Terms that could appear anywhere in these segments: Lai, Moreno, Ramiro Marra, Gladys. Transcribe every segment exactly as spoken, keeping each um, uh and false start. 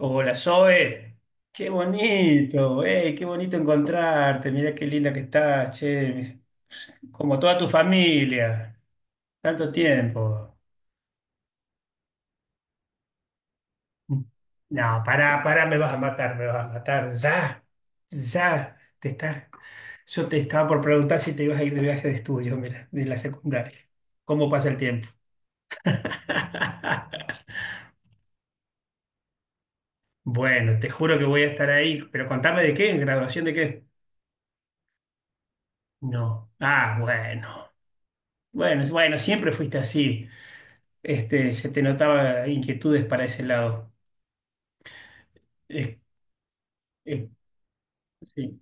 Hola Zoe, qué bonito, ey, qué bonito encontrarte, mira qué linda que estás, che, como toda tu familia, tanto tiempo. No, pará, pará, me vas a matar, me vas a matar, ya, ya, te estás, yo te estaba por preguntar si te ibas a ir de viaje de estudio, mira, de la secundaria, ¿cómo pasa el tiempo? Bueno, te juro que voy a estar ahí, pero contame de qué, ¿en graduación de qué? No, ah, bueno. Bueno, es- bueno, siempre fuiste así. Este, se te notaba inquietudes para ese lado. Eh, eh, sí,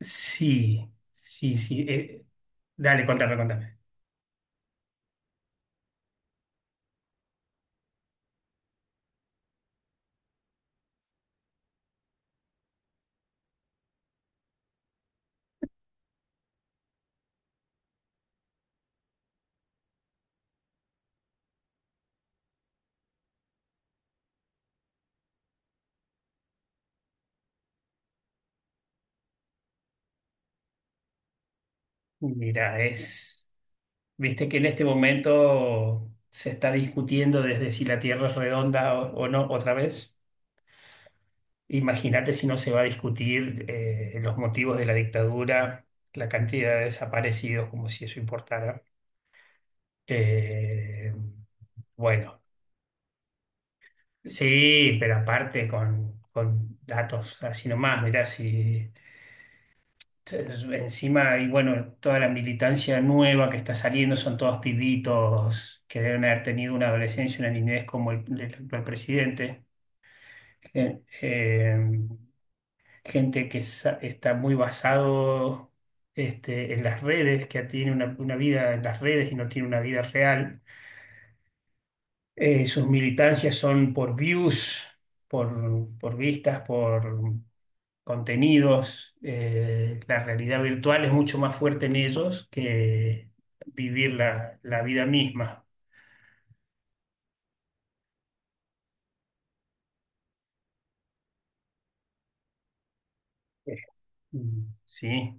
sí, sí. Sí, eh, dale, contame, contame. Mira, es, viste que en este momento se está discutiendo desde si la Tierra es redonda o, o no otra vez. Imagínate si no se va a discutir eh, los motivos de la dictadura, la cantidad de desaparecidos, como si eso importara. Eh, bueno. Sí, pero aparte con, con datos así nomás, mirá, si t- encima hay, bueno, toda la militancia nueva que está saliendo son todos pibitos que deben haber tenido una adolescencia, una niñez como el, el actual presidente. Gen- em, Gente que sa- está muy basado este, en las redes, que tiene una, una vida en las redes y no tiene una vida real. Eh, sus militancias son por views, por, por vistas, por contenidos, eh, la realidad virtual es mucho más fuerte en ellos que vivir la, la vida misma. Eh, Sí,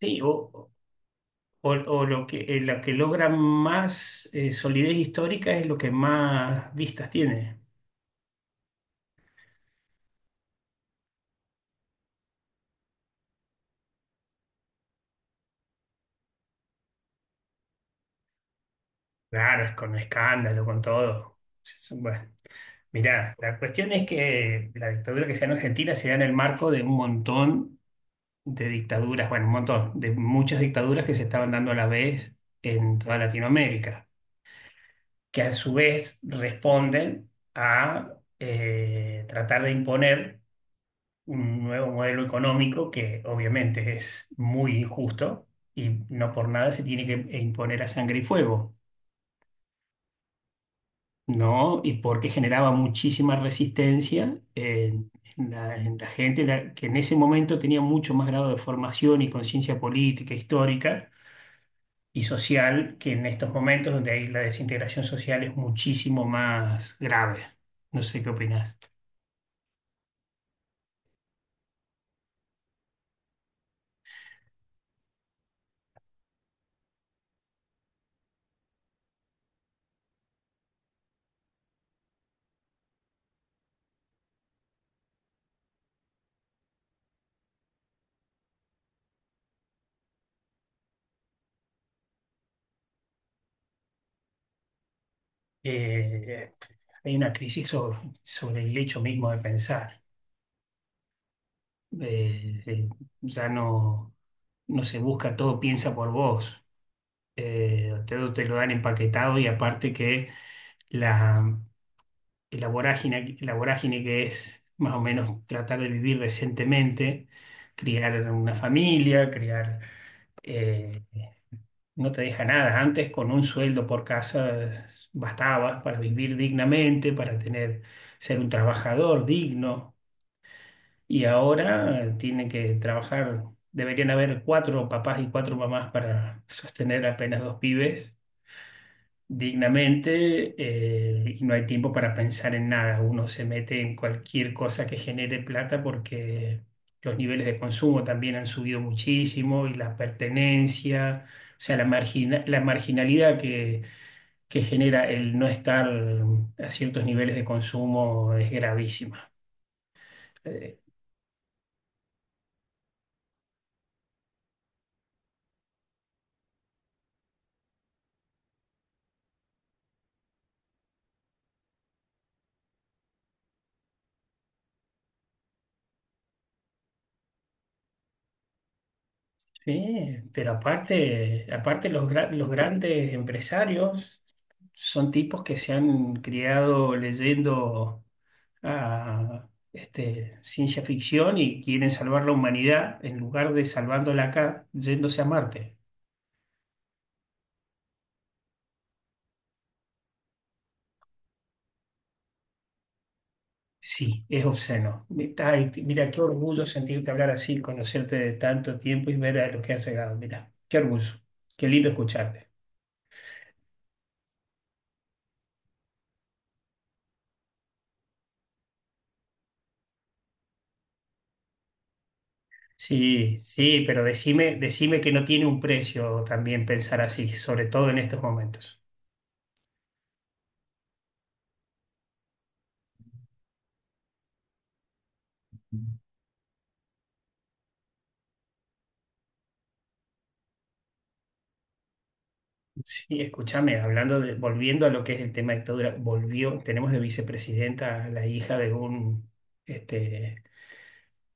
sí, o, o- o lo que, eh, la que logra más eh, solidez histórica es lo que más vistas tiene. Claro, es con escándalo, con todo. Sí, sí. Bueno, mirá, la cuestión es que la dictadura que se da en Argentina se da en el marco de un montón de dictaduras, bueno, un montón, de muchas dictaduras que se estaban dando a la vez en toda Latinoamérica, que a su vez responden a eh, tratar de imponer un nuevo modelo económico que obviamente es muy injusto y no por nada se tiene que imponer a sangre y fuego, ¿no? Y porque generaba muchísima resistencia en, en la, en la gente la- que en ese momento tenía mucho más grado de formación y conciencia política, histórica y social, que en estos momentos donde hay la desintegración social es muchísimo más grave. No sé qué opinás. Eh, Hay una crisis sobre, sobre el hecho mismo de pensar. Eh, eh, ya no, no, se busca, todo piensa por vos. Eh, te, lo te lo dan empaquetado y aparte que la, la vorágine, la vorágine que es más o menos tratar de vivir decentemente, criar una familia, criar... eh, no te deja nada. Antes con un sueldo por casa es- bastaba para vivir dignamente, para tener, ser un trabajador digno. Y ahora eh, tienen que trabajar, deberían haber cuatro papás y cuatro mamás para sostener apenas dos pibes dignamente eh, y no hay tiempo para pensar en nada. Uno se mete en cualquier cosa que genere plata porque los niveles de consumo también han subido muchísimo y la pertenencia, o sea, la margina- la marginalidad que, que genera el no estar a ciertos niveles de consumo es gravísima. Eh, sí, pero aparte, aparte los, gra- los grandes empresarios son tipos que se han criado leyendo a este, ciencia ficción y quieren salvar la humanidad en lugar de salvándola acá, yéndose a Marte. Sí, es obsceno. Está- ay, t- mira, qué orgullo sentirte hablar así, conocerte de tanto tiempo y ver a lo que has llegado. Mira, qué orgullo. Qué lindo escucharte. Sí, sí, pero decime, decime que no tiene un precio también pensar así, sobre todo en estos momentos. Sí, escúchame, hablando de, volviendo a lo que es el tema de dictadura, volvió, tenemos de vicepresidenta a la hija de un este,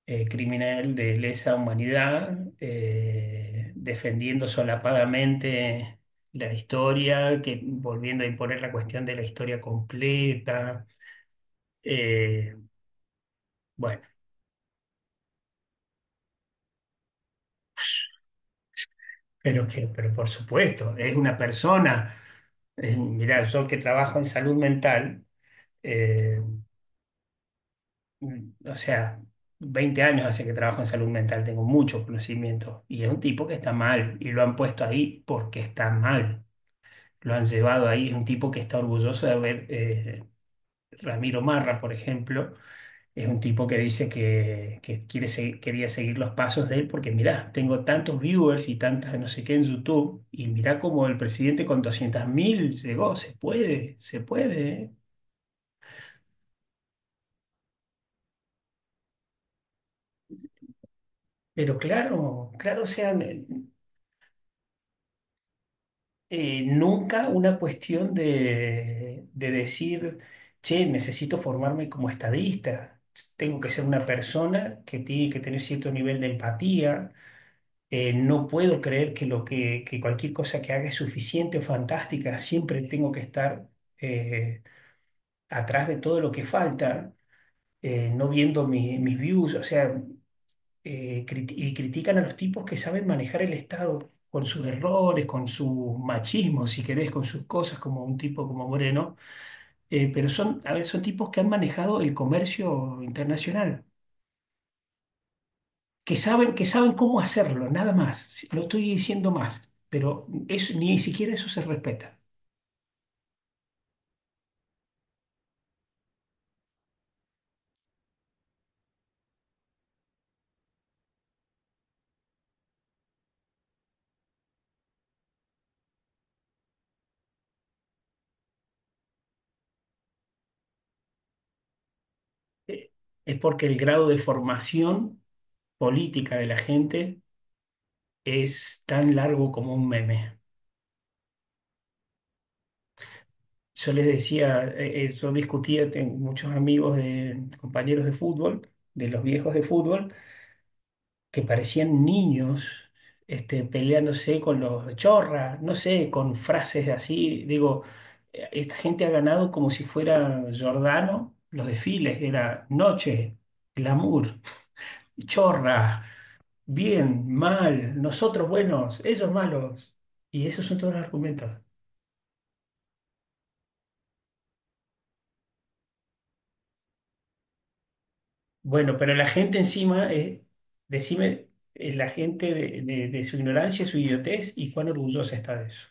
eh, criminal de lesa humanidad, eh, defendiendo solapadamente la historia, que, volviendo a imponer la cuestión de la historia completa. eh, bueno, pero que, pero por supuesto, es una persona, eh, mirá, yo que trabajo en salud mental. eh, mm, o sea, veinte años hace que trabajo en salud mental, tengo mucho conocimiento y es un tipo que está mal y lo han puesto ahí porque está mal, lo han llevado ahí, es un tipo que está orgulloso de haber. eh, Ramiro Marra, por ejemplo, es un tipo que dice que, que quiere se- quería seguir los pasos de él porque mirá, tengo tantos viewers y tantas no sé qué en YouTube y mirá cómo el presidente con doscientos mil llegó, se puede, se puede, ¿eh? Pero claro, claro, o sea, eh, nunca una cuestión de, de decir, che, necesito formarme como estadista, tengo que ser una persona que tiene que tener cierto nivel de empatía, eh, no puedo creer que, lo que, que cualquier cosa que haga es suficiente o fantástica, siempre tengo que estar eh, atrás de todo lo que falta, eh, no viendo mi- mis views, o sea eh, criti- y critican a los tipos que saben manejar el Estado con sus errores, con su machismo, si querés, con sus cosas, como un tipo como Moreno. Eh, pero son, a ver, son tipos que han manejado el comercio internacional, que saben, que saben cómo hacerlo, nada más. Si- no estoy diciendo más, pero eso, ni siquiera eso se respeta. Eh, Es porque el grado de formación política de la gente es tan largo como un meme. Yo les decía, eh, eh, yo discutía, tengo muchos amigos de compañeros de fútbol, de los viejos de fútbol, que parecían niños, este, peleándose con los chorras, no sé, con frases así. Digo, eh, esta gente ha ganado como si fuera Giordano los desfiles, era noche, glamour, chorra, bien, mal, nosotros buenos, ellos malos. Y esos son todos los argumentos. Bueno, pero la gente encima, eh, decime, eh, la gente de, de- de su ignorancia, su idiotez y cuán orgullosa está de eso.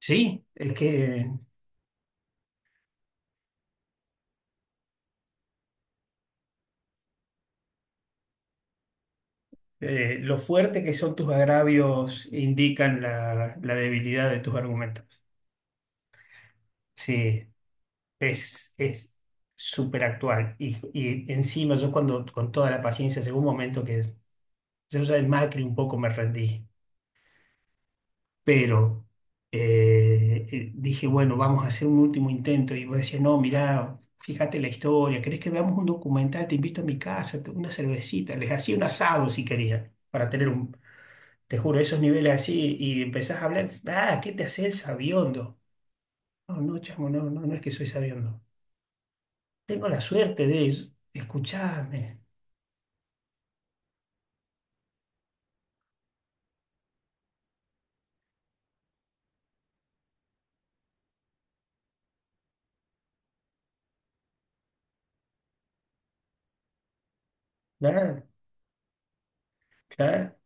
Sí, es que eh, lo fuerte que son tus agravios indican la, la debilidad de tus argumentos. Sí, es, es súper actual. Y, y encima yo cuando con toda la paciencia, llegó un momento que yo ya en Macri un poco me rendí. Pero eh, eh, dije, bueno, vamos a hacer un último intento. Y vos decías, no, mirá, fíjate la historia, ¿querés que veamos un documental? Te invito a mi casa, te- una cervecita. Les hacía un asado si querían, para tener un, te juro, esos niveles así. Y empezás a hablar, ah, ¿qué te haces sabiondo? No, no, chamo, no, no, no es que soy sabiondo. Tengo la suerte de escucharme. Claro, claro.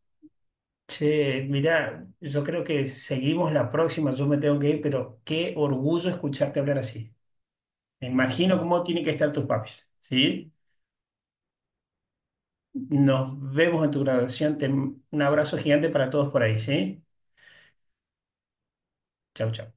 Che, mirá, yo creo que seguimos la próxima, yo me tengo que ir, pero qué orgullo escucharte hablar así. Me imagino cómo tienen que estar tus papis, ¿sí? Nos vemos en tu graduación. Te- un abrazo gigante para todos por ahí, ¿sí? Chau, chau.